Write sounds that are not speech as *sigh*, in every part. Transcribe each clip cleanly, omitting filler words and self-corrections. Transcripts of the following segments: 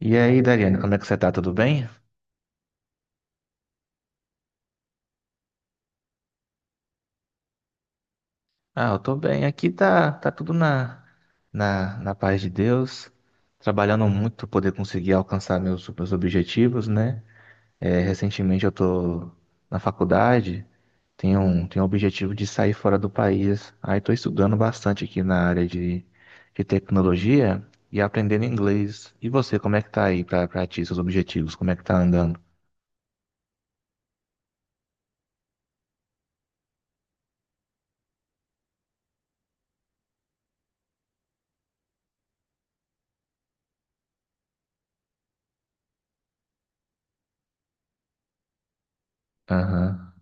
E aí, Dariane, como é que você tá? Tudo bem? Ah, eu tô bem. Aqui tá, tá tudo na paz de Deus. Trabalhando muito para poder conseguir alcançar meus objetivos, né? É, recentemente eu tô na faculdade, tenho um objetivo de sair fora do país. Aí tô estudando bastante aqui na área de tecnologia e aprendendo inglês. E você, como é que tá aí para ti, seus objetivos? Como é que tá andando? Aham.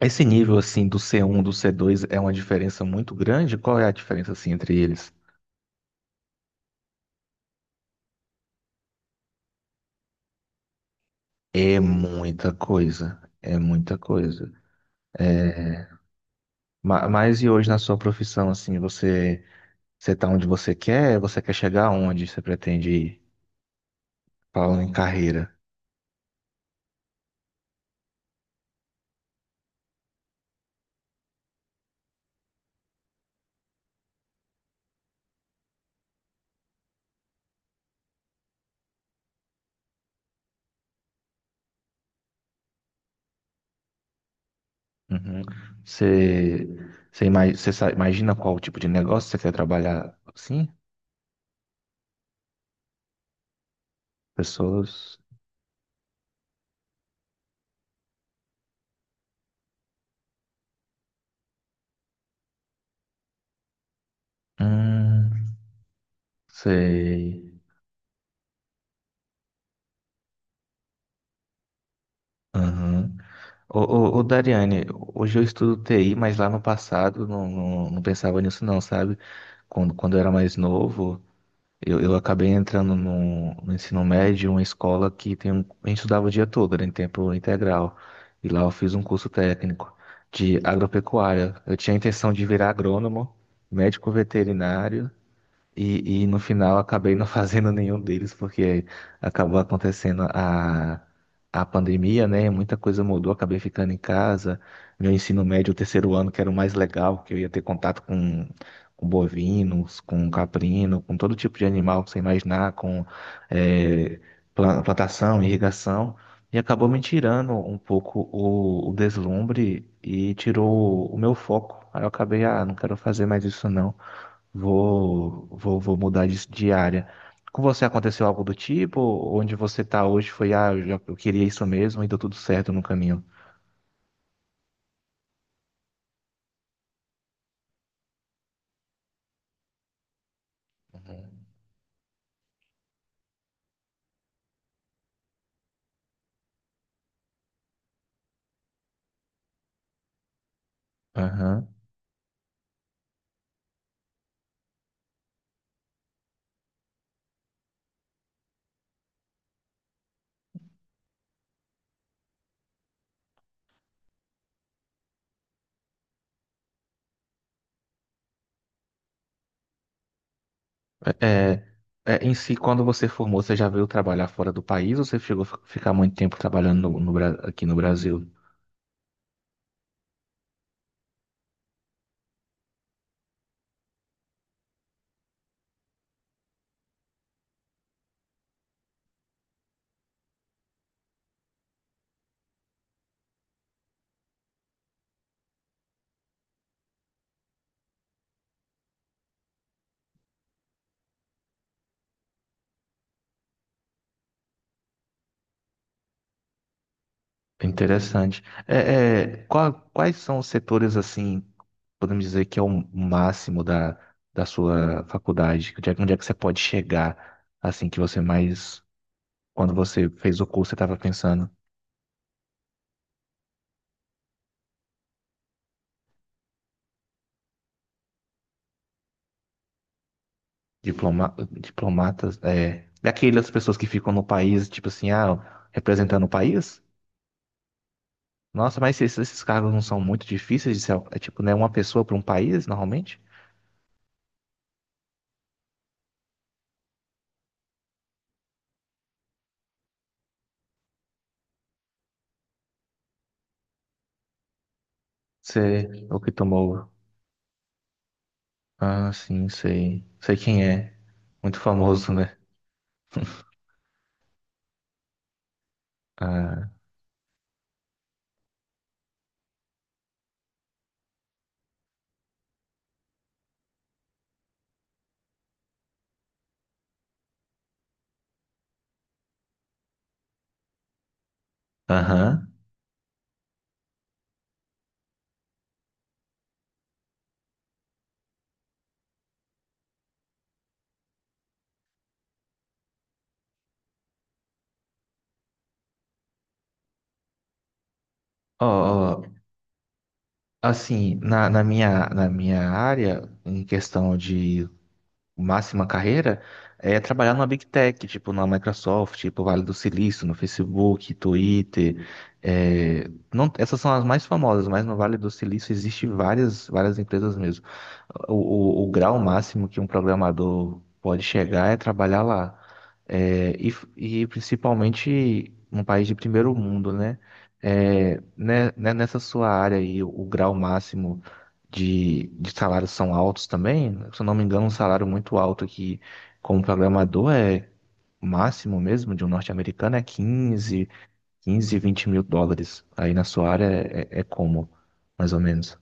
Esse nível assim do C1 do C2 é uma diferença muito grande? Qual é a diferença assim entre eles? É muita coisa, é muita coisa. É... Mas e hoje na sua profissão assim, você tá onde você quer? Você quer chegar aonde? Você pretende ir? Falando em carreira. Uhum. Você você imagina qual tipo de negócio você quer trabalhar? Sim? Pessoas. Hum, sei. Dariane, hoje eu estudo TI, mas lá no passado não pensava nisso não, sabe? Quando eu era mais novo, eu acabei entrando no ensino médio, uma escola que tem um, a gente estudava o dia todo, era em tempo integral. E lá eu fiz um curso técnico de agropecuária. Eu tinha a intenção de virar agrônomo, médico veterinário, e no final acabei não *laughs* fazendo nenhum deles, porque acabou acontecendo a pandemia, né? Muita coisa mudou, acabei ficando em casa. Meu ensino médio, o terceiro ano, que era o mais legal, que eu ia ter contato com bovinos, com caprino, com todo tipo de animal que você imaginar, com eh, plantação, irrigação. E acabou me tirando um pouco o deslumbre e tirou o meu foco. Aí eu acabei, ah, não quero fazer mais isso não. Vou mudar de área. Com você aconteceu algo do tipo? Onde você está hoje foi, ah, eu queria isso mesmo e deu tudo certo no caminho. Aham. É, é, em si, quando você formou, você já veio trabalhar fora do país ou você chegou a ficar muito tempo trabalhando no, aqui no Brasil? Interessante. É, é, qual- quais são os setores, assim, podemos dizer que é o máximo da sua faculdade? Onde é que você pode chegar, assim, que você mais... Quando você fez o curso, você estava pensando... diplomatas, é, daquelas pessoas que ficam no país, tipo assim, ah, representando o país? Nossa, mas esses cargos não são muito difíceis de ser, é tipo, né, uma pessoa para um país, normalmente? Você, o que tomou? Ah, sim, sei. Sei quem é. Muito famoso, né? Ah, aham. Ó, ó, assim, na minha área, em questão de máxima carreira é trabalhar numa Big Tech, tipo na Microsoft, tipo Vale do Silício, no Facebook, Twitter. É, não- essas são as mais famosas, mas no Vale do Silício existe várias empresas mesmo. O, o grau máximo que um programador pode chegar é trabalhar lá. É, e principalmente um país de primeiro mundo, né? É, nessa sua área aí, o grau máximo de salários são altos também? Se eu não me engano, um salário muito alto aqui como programador é o máximo mesmo de um norte-americano é 15 20 mil dólares. Aí na sua área é, é como, mais ou menos?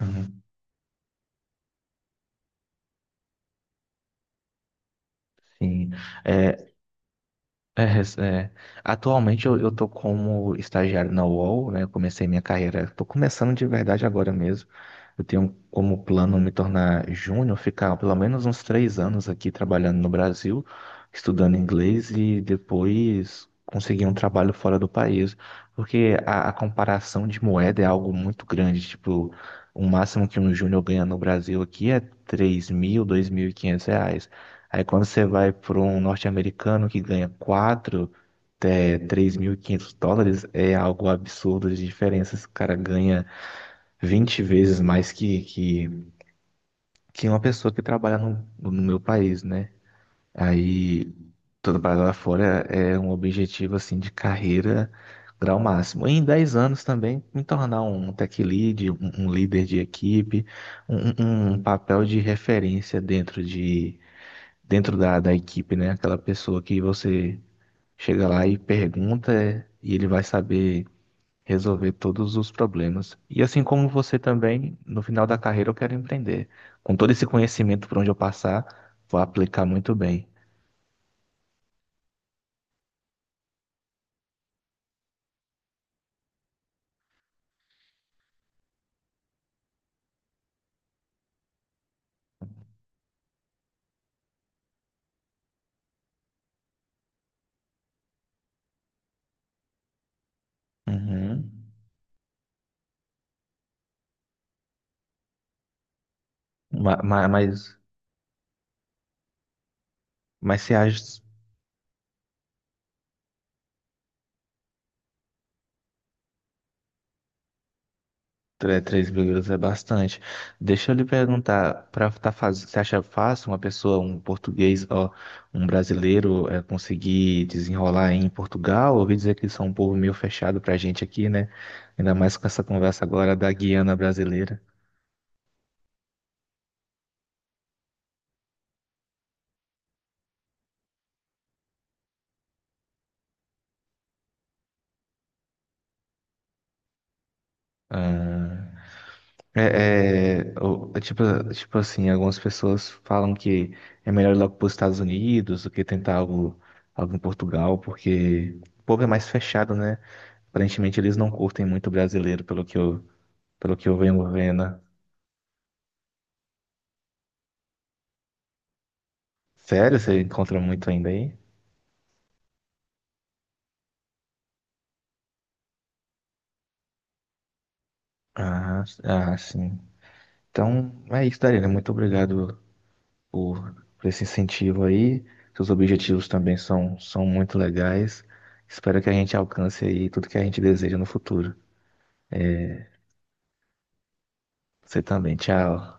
Uhum. Sim. É, É, é. Atualmente eu tô como estagiário na UOL, né? Eu comecei minha carreira, tô começando de verdade agora mesmo. Eu tenho como plano me tornar júnior, ficar pelo menos uns 3 anos aqui trabalhando no Brasil, estudando inglês e depois conseguir um trabalho fora do país. Porque a comparação de moeda é algo muito grande. Tipo, o máximo que um júnior ganha no Brasil aqui é 3 mil, R$ 2.500. Aí quando você vai para um norte-americano que ganha 4 até US$ 3.500, é algo absurdo de diferença. Esse cara ganha 20 vezes mais que uma pessoa que trabalha no, no meu país, né? Aí todo trabalho lá fora é um objetivo assim de carreira grau máximo. E em 10 anos também me tornar um tech lead, um líder de equipe, um papel de referência dentro de dentro da equipe, né? Aquela pessoa que você chega lá e pergunta e ele vai saber resolver todos os problemas. E assim como você também, no final da carreira eu quero empreender. Com todo esse conhecimento por onde eu passar, vou aplicar muito bem. Uhum. Ma- ma- Mas, mas, você acha... Tre- Três vírgulas é bastante. Deixa eu lhe perguntar, para tá faz... você acha fácil uma pessoa, um português, ó, um brasileiro, é, conseguir desenrolar em Portugal? Ouvi dizer que eles são um povo meio fechado pra gente aqui, né? Ainda mais com essa conversa agora da Guiana brasileira. Ah, é, é, é tipo, tipo assim, algumas pessoas falam que é melhor ir logo para os Estados Unidos do que tentar algo, algo em Portugal, porque o povo é mais fechado, né? Aparentemente eles não curtem muito brasileiro, pelo que pelo que eu venho vendo. Sério? Você encontra muito ainda aí? Ah, ah, sim. Então, é isso, Darina. Muito obrigado por esse incentivo aí. Seus objetivos também são, são muito legais. Espero que a gente alcance aí tudo que a gente deseja no futuro. Você também. Tchau.